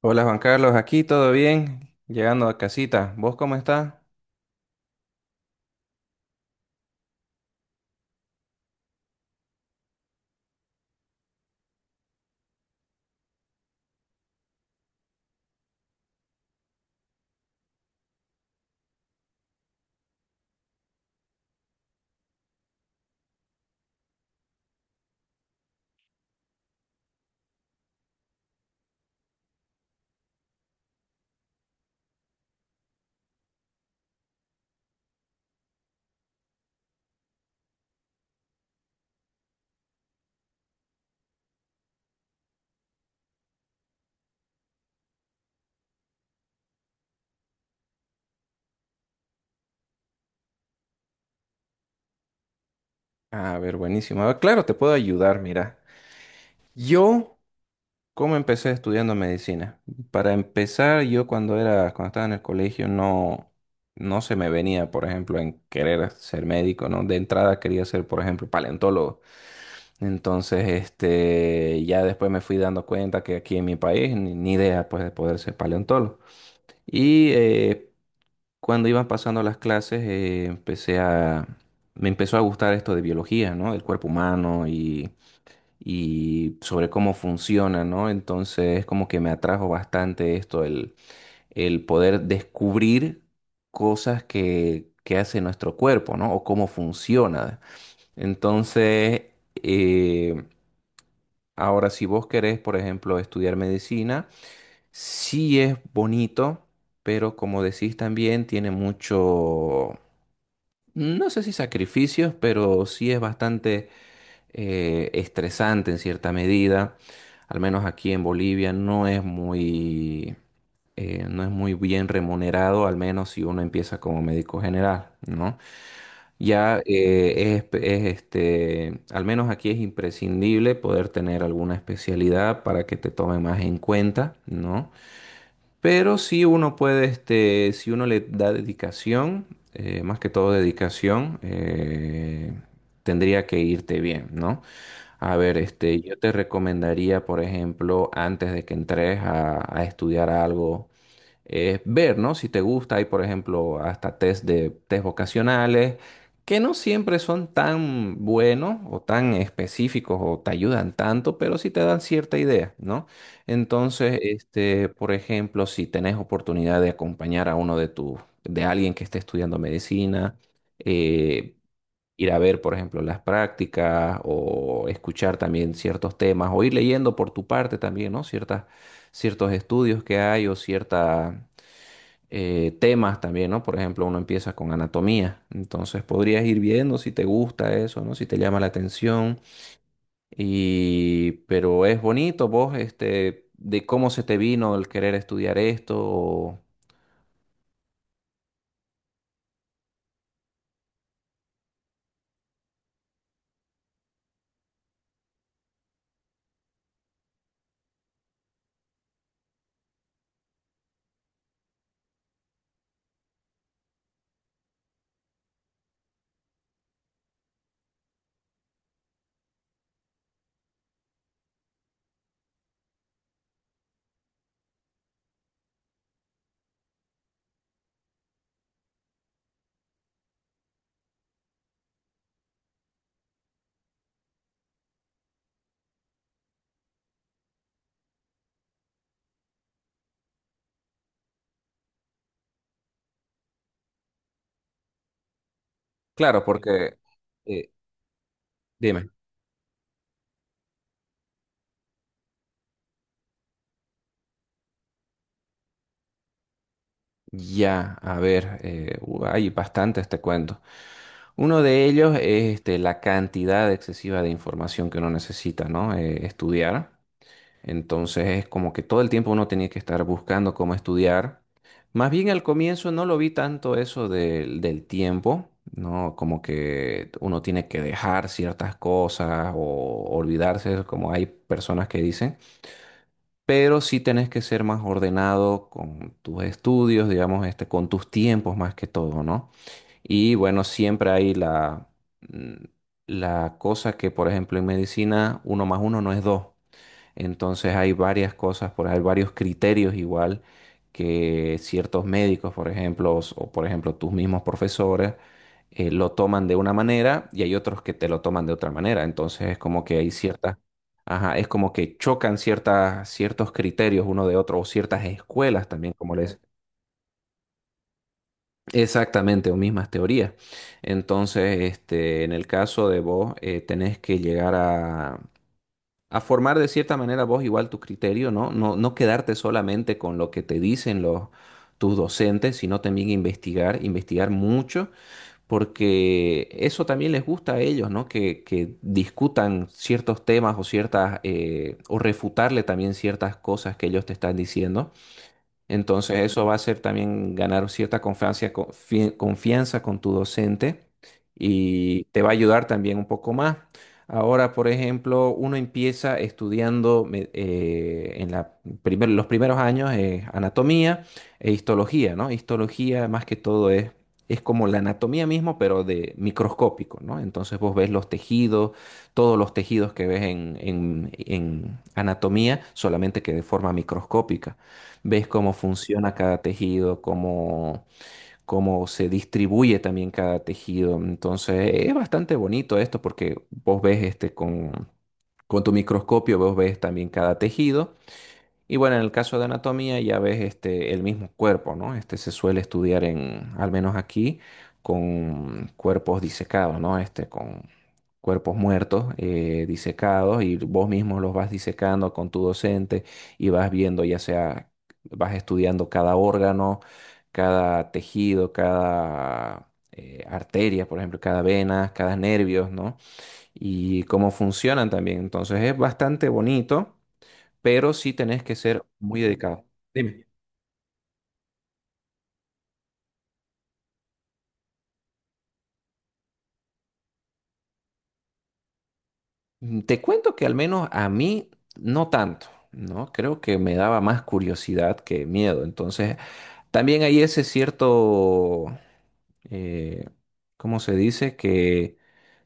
Hola Juan Carlos, aquí todo bien, llegando a casita. ¿Vos cómo estás? Ah, a ver, buenísimo. Ah, claro, te puedo ayudar, mira. Yo, ¿cómo empecé estudiando medicina? Para empezar, yo cuando estaba en el colegio no, no se me venía, por ejemplo, en querer ser médico, ¿no? De entrada quería ser, por ejemplo, paleontólogo. Entonces, este, ya después me fui dando cuenta que aquí en mi país ni idea, pues, de poder ser paleontólogo. Y cuando iban pasando las clases, me empezó a gustar esto de biología, ¿no? Del cuerpo humano y sobre cómo funciona, ¿no? Entonces, como que me atrajo bastante esto, el poder descubrir cosas que hace nuestro cuerpo, ¿no? O cómo funciona. Entonces, eh, ahora si vos querés, por ejemplo, estudiar medicina, sí es bonito pero como decís también tiene mucho, no sé si sacrificios, pero sí es bastante estresante en cierta medida. Al menos aquí en Bolivia no es muy bien remunerado, al menos si uno empieza como médico general, ¿no? Ya, este, al menos aquí es imprescindible poder tener alguna especialidad para que te tomen más en cuenta, ¿no? Pero sí uno puede, este, si uno le da dedicación, más que todo dedicación, tendría que irte bien, ¿no? A ver, este, yo te recomendaría, por ejemplo, antes de que entres a estudiar algo, ver, ¿no? Si te gusta, hay por ejemplo hasta test vocacionales que no siempre son tan buenos o tan específicos o te ayudan tanto, pero sí te dan cierta idea, ¿no? Entonces, este, por ejemplo, si tenés oportunidad de acompañar a uno de de alguien que esté estudiando medicina, eh, ir a ver, por ejemplo, las prácticas o escuchar también ciertos temas o ir leyendo por tu parte también, ¿no? Ciertos estudios que hay o ciertas temas también, ¿no? Por ejemplo, uno empieza con anatomía, entonces podrías ir viendo si te gusta eso, ¿no? Si te llama la atención. Y pero es bonito vos, este, de cómo se te vino el querer estudiar esto. Claro. Porque eh, dime. Ya, a ver, hay bastantes, te cuento. Uno de ellos es este, la cantidad excesiva de información que uno necesita, ¿no? Estudiar. Entonces es como que todo el tiempo uno tenía que estar buscando cómo estudiar. Más bien al comienzo no lo vi tanto eso del tiempo, ¿no? Como que uno tiene que dejar ciertas cosas o olvidarse, como hay personas que dicen, pero sí tenés que ser más ordenado con tus estudios, digamos, este, con tus tiempos más que todo, ¿no? Y bueno, siempre hay mm, la cosa que, por ejemplo, en medicina, uno más uno no es dos. Entonces hay varias cosas, hay varios criterios igual que ciertos médicos, por ejemplo, por ejemplo tus mismos profesores, lo toman de una manera y hay otros que te lo toman de otra manera. Entonces es como que hay ajá, es como que chocan ciertos criterios uno de otro o ciertas escuelas también, como les... Exactamente, o mismas teorías. Entonces, este, en el caso de vos, tenés que llegar a formar de cierta manera vos igual tu criterio, ¿no? No, no quedarte solamente con lo que te dicen tus docentes, sino también investigar, investigar mucho, porque eso también les gusta a ellos, ¿no? Que discutan ciertos temas o o refutarle también ciertas cosas que ellos te están diciendo. Entonces eso va a ser también ganar cierta confianza con tu docente y te va a ayudar también un poco más. Ahora, por ejemplo, uno empieza estudiando en los primeros años, anatomía e histología, ¿no? Histología más que todo es como la anatomía mismo, pero de microscópico, ¿no? Entonces vos ves los tejidos, todos los tejidos que ves en anatomía, solamente que de forma microscópica. Ves cómo funciona cada tejido, cómo se distribuye también cada tejido. Entonces, es bastante bonito esto porque vos ves este con tu microscopio, vos ves también cada tejido y bueno, en el caso de anatomía ya ves este, el mismo cuerpo, ¿no? Este se suele estudiar en, al menos aquí, con cuerpos disecados, ¿no? Este, con cuerpos muertos, disecados, y vos mismo los vas disecando con tu docente y vas viendo, ya sea, vas estudiando cada órgano, cada tejido, cada arteria, por ejemplo, cada vena, cada nervio, ¿no? Y cómo funcionan también. Entonces es bastante bonito pero sí tenés que ser muy dedicado. Te cuento que al menos a mí no tanto, ¿no? Creo que me daba más curiosidad que miedo. Entonces, también hay ese eh, ¿cómo se dice? Que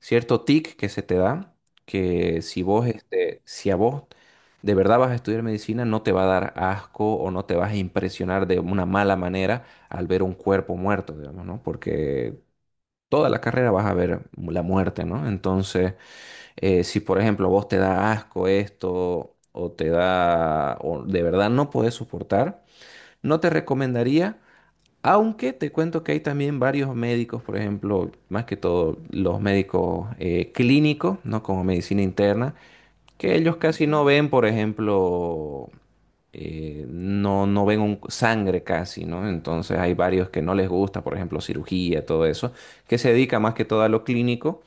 cierto tic que se te da, que si a vos de verdad vas a estudiar medicina, no te va a dar asco o no te vas a impresionar de una mala manera al ver un cuerpo muerto, digamos, ¿no? Porque toda la carrera vas a ver la muerte, ¿no? Entonces, si por ejemplo vos te da asco esto o o de verdad no podés soportar, no te recomendaría, aunque te cuento que hay también varios médicos, por ejemplo, más que todo los médicos clínicos, ¿no? Como medicina interna, que ellos casi no ven, por ejemplo, no, no ven sangre casi, ¿no? Entonces hay varios que no les gusta, por ejemplo, cirugía, todo eso, que se dedica más que todo a lo clínico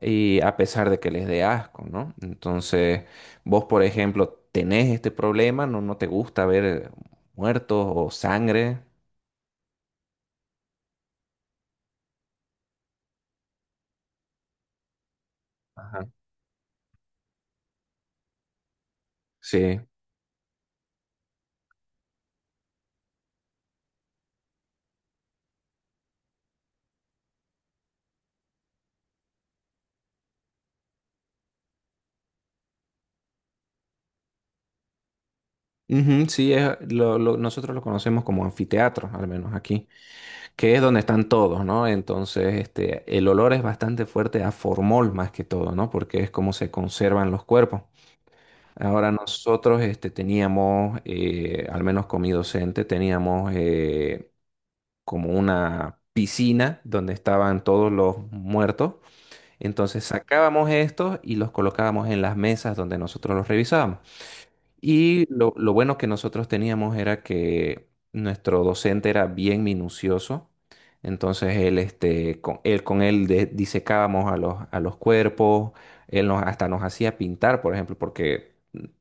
y a pesar de que les dé asco, ¿no? Entonces, vos, por ejemplo, tenés este problema, no, no te gusta ver muertos o sangre. Ajá. Sí. Ujú, sí, nosotros lo conocemos como anfiteatro, al menos aquí, que es donde están todos, ¿no? Entonces, este, el olor es bastante fuerte a formol más que todo, ¿no? Porque es como se conservan los cuerpos. Ahora nosotros, este, teníamos, al menos con mi docente, teníamos como una piscina donde estaban todos los muertos. Entonces sacábamos estos y los colocábamos en las mesas donde nosotros los revisábamos. Y lo bueno que nosotros teníamos era que nuestro docente era bien minucioso. Entonces él, este, con él disecábamos a los cuerpos, él hasta nos hacía pintar, por ejemplo, porque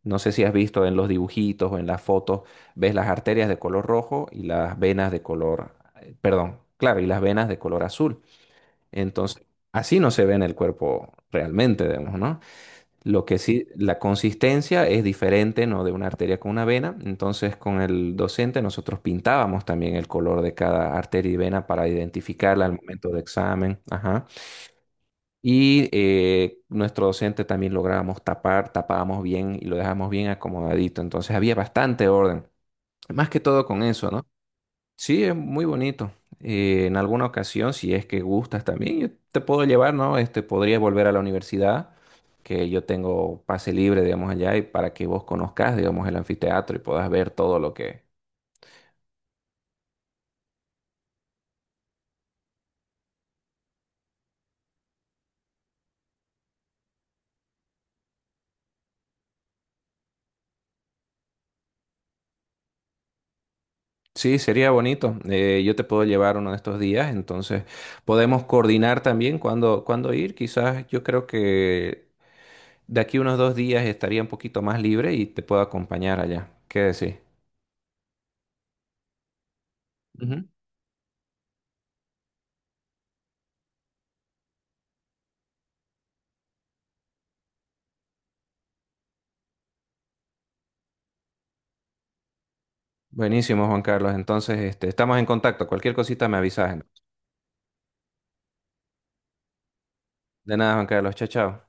no sé si has visto en los dibujitos o en las fotos, ves las arterias de color rojo y las venas de color, perdón, claro, y las venas de color azul. Entonces, así no se ve en el cuerpo realmente, digamos, ¿no? Lo que sí, la consistencia es diferente, ¿no? De una arteria con una vena. Entonces, con el docente nosotros pintábamos también el color de cada arteria y vena para identificarla al momento de examen. Ajá. Y nuestro docente también lográbamos tapábamos bien y lo dejábamos bien acomodadito. Entonces, había bastante orden. Más que todo con eso, ¿no? Sí, es muy bonito. En alguna ocasión, si es que gustas también, yo te puedo llevar, ¿no? Este, podrías volver a la universidad, que yo tengo pase libre, digamos, allá, y para que vos conozcas, digamos, el anfiteatro y puedas ver todo lo que... Sí, sería bonito. Yo te puedo llevar uno de estos días, entonces podemos coordinar también cuándo ir. Quizás yo creo que de aquí unos 2 días estaría un poquito más libre y te puedo acompañar allá. ¿Qué decís? Buenísimo, Juan Carlos. Entonces, este, estamos en contacto. Cualquier cosita me avisas, ¿no? De nada, Juan Carlos. Chao, chao.